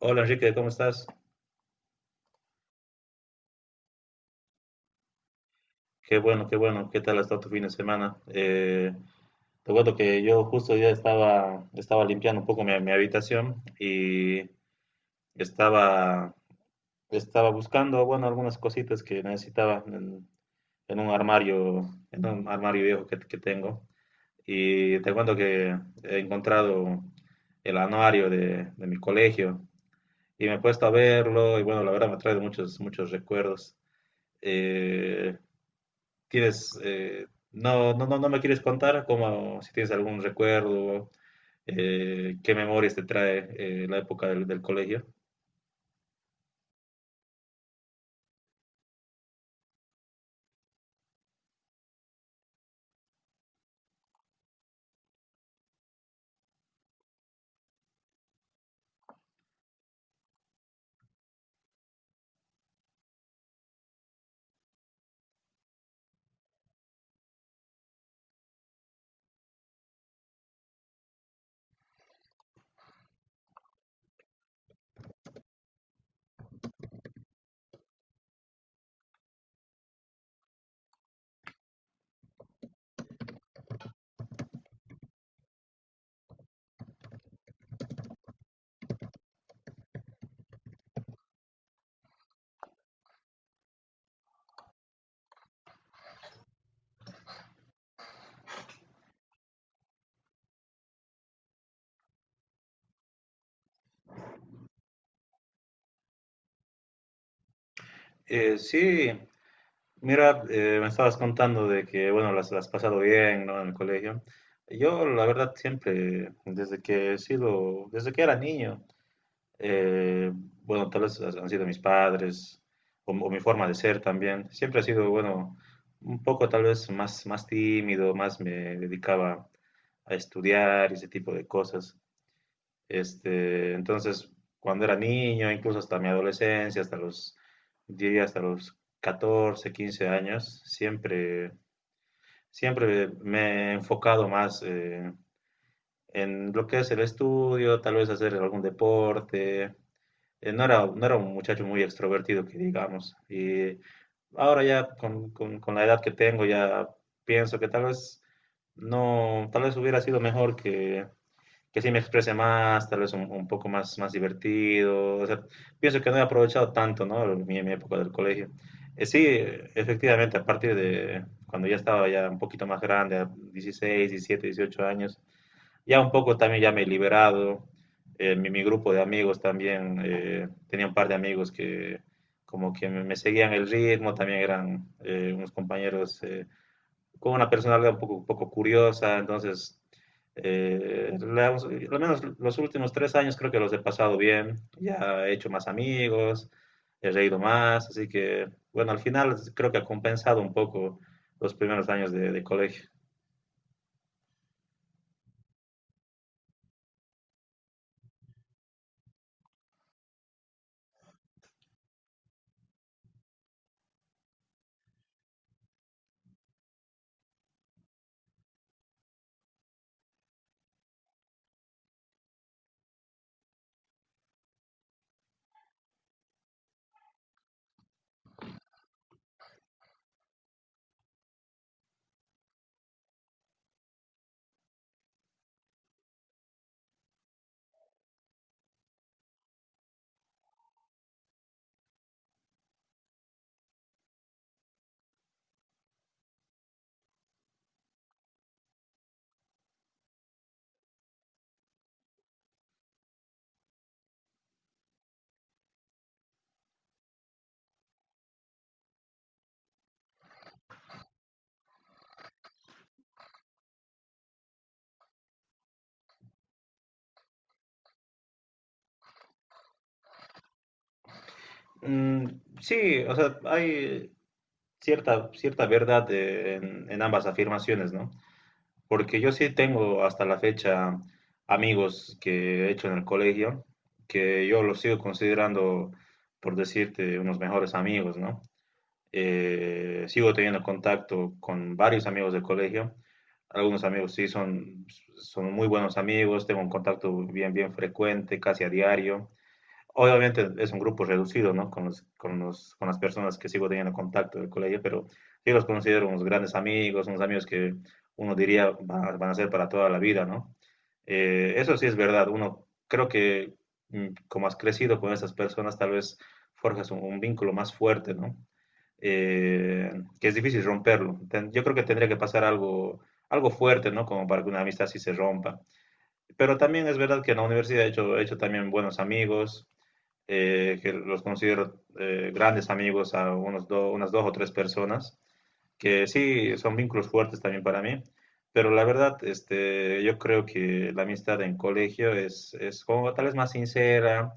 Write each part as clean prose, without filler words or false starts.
Hola Enrique, ¿cómo estás? Qué bueno, qué bueno. ¿Qué tal ha estado tu fin de semana? Te cuento que yo justo ya estaba limpiando un poco mi habitación y estaba, estaba buscando, bueno, algunas cositas que necesitaba en un armario, en un armario viejo que tengo. Y te cuento que he encontrado el anuario de mi colegio y me he puesto a verlo y bueno, la verdad me trae muchos recuerdos. Eh, ¿Tienes, no, no, no, no me quieres contar cómo, si tienes algún recuerdo, qué memorias te trae la época del colegio? Sí, mira, me estabas contando de que, bueno, las has pasado bien, ¿no? En el colegio. Yo, la verdad, siempre, desde que he sido, desde que era niño, bueno, tal vez han sido mis padres o mi forma de ser también. Siempre ha sido, bueno, un poco tal vez más tímido, más me dedicaba a estudiar y ese tipo de cosas. Este, entonces, cuando era niño, incluso hasta mi adolescencia, diría hasta los 14, 15 años, siempre, siempre me he enfocado más en lo que es el estudio, tal vez hacer algún deporte. No era un muchacho muy extrovertido, que digamos. Y ahora ya con la edad que tengo, ya pienso que tal vez no, tal vez hubiera sido mejor que sí me exprese más, tal vez un poco más, más divertido. O sea, pienso que no he aprovechado tanto, ¿no? Mi época del colegio. Sí, efectivamente, a partir de cuando ya estaba ya un poquito más grande, a 16, 17, 18 años, ya un poco también ya me he liberado. Grupo de amigos también, tenía un par de amigos que como que me seguían el ritmo, también eran unos compañeros con una personalidad un poco curiosa, entonces, eh, al menos los últimos 3 años creo que los he pasado bien, ya he hecho más amigos, he reído más, así que, bueno, al final creo que ha compensado un poco los primeros años de colegio. Mm, sí, o sea, hay cierta, cierta verdad en ambas afirmaciones, ¿no? Porque yo sí tengo hasta la fecha amigos que he hecho en el colegio, que yo los sigo considerando, por decirte, unos mejores amigos, ¿no? Sigo teniendo contacto con varios amigos del colegio. Algunos amigos sí son, son muy buenos amigos, tengo un contacto bien, bien frecuente, casi a diario. Obviamente es un grupo reducido, ¿no? Con las personas que sigo teniendo contacto del colegio, pero yo los considero unos grandes amigos, unos amigos que uno diría van a ser para toda la vida, ¿no? Eso sí es verdad, uno creo que mm, como has crecido con esas personas, tal vez forjas un vínculo más fuerte, ¿no? Eh, que es difícil romperlo. Yo creo que tendría que pasar algo, algo fuerte, ¿no? Como para que una amistad sí se rompa. Pero también es verdad que en la universidad he hecho también buenos amigos que los considero grandes amigos a unas dos o tres personas, que sí son vínculos fuertes también para mí, pero la verdad, este, yo creo que la amistad en colegio es como tal vez más sincera,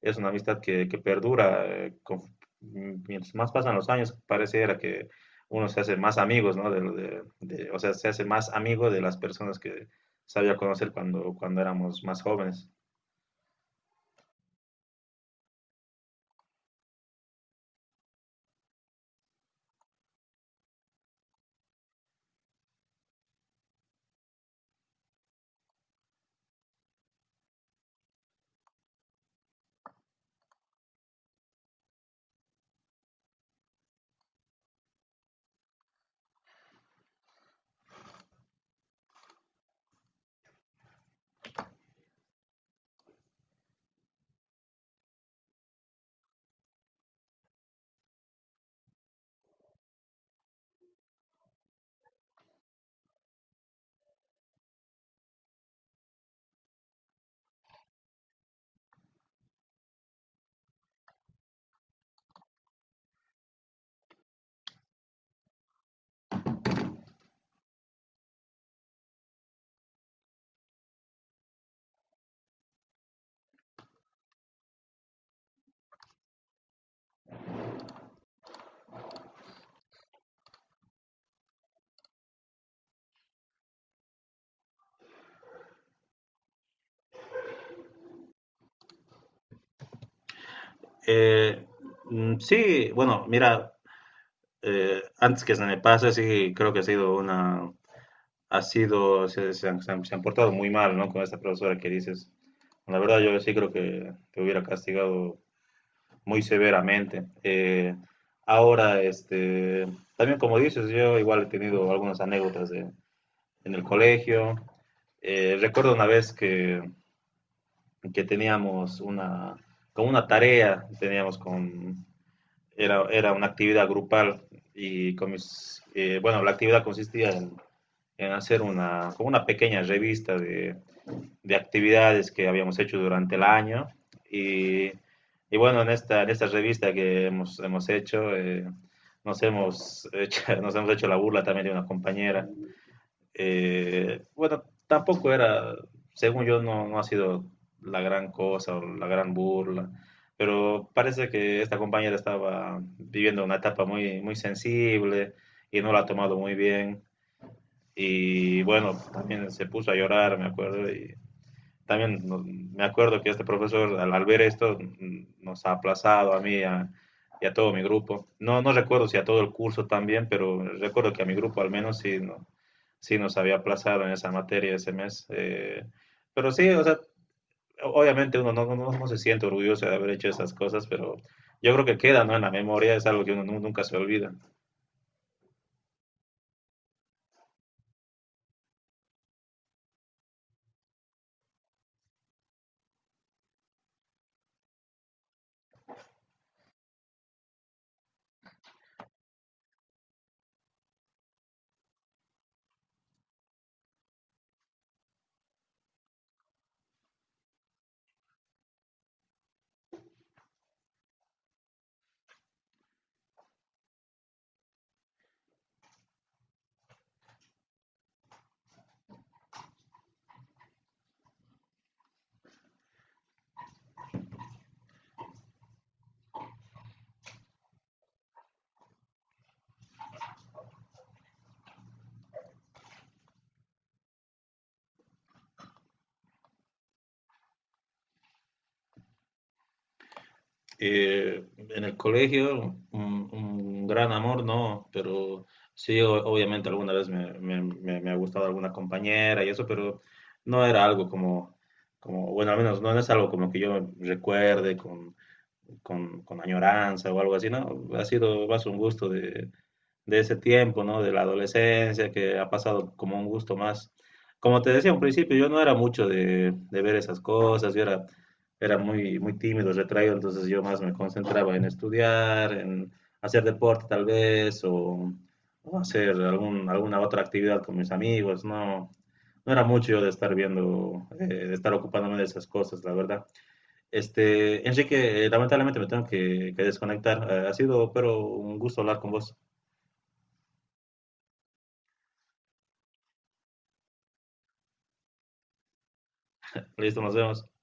es una amistad que perdura, mientras más pasan los años, pareciera que uno se hace más amigos, ¿no? De, lo de- O sea, se hace más amigo de las personas que sabía conocer cuando, cuando éramos más jóvenes. Eh, mm, sí, bueno, mira, antes que se me pase, sí, creo que ha sido una, ha sido, se han portado muy mal, ¿no? Con esta profesora que dices. La verdad, yo sí creo que te hubiera castigado muy severamente. Ahora, este, también como dices, yo igual he tenido algunas anécdotas en el colegio. Recuerdo una vez que teníamos una, como una tarea, era una actividad grupal y bueno, la actividad consistía en hacer una, como una pequeña revista de actividades que habíamos hecho durante el año y, y bueno, en esta revista que hemos hecho, hemos hecho, nos hemos hecho la burla también de una compañera bueno, tampoco era, según yo, no, no ha sido la gran cosa o la gran burla, pero parece que esta compañera estaba viviendo una etapa muy, muy sensible y no la ha tomado muy bien. Y bueno, también se puso a llorar, me acuerdo, y también no, me acuerdo que este profesor ver esto mm, nos ha aplazado y a todo mi grupo. No, no recuerdo si a todo el curso también, pero recuerdo que a mi grupo al menos sí, no, sí nos había aplazado en esa materia ese mes. Pero sí, o sea, obviamente uno no, no, no, no se siente orgulloso de haber hecho esas cosas, pero yo creo que queda, ¿no?, en la memoria, es algo que uno nunca se olvida. En el colegio, un gran amor, no, pero sí, obviamente alguna vez me ha gustado alguna compañera y eso, pero no era algo como, como, bueno, al menos no, no es algo como que yo recuerde con añoranza o algo así, ¿no? Ha sido más un gusto de ese tiempo, ¿no? De la adolescencia, que ha pasado como un gusto más. Como te decía al principio, yo no era mucho de ver esas cosas, era muy, muy tímido, retraído, entonces yo más me concentraba en estudiar, en hacer deporte tal vez, o hacer alguna otra actividad con mis amigos, no, no era mucho yo de estar viendo, de estar ocupándome de esas cosas, la verdad. Este, Enrique, lamentablemente me tengo que desconectar. Ha sido, pero un gusto hablar con vos. Listo, nos vemos.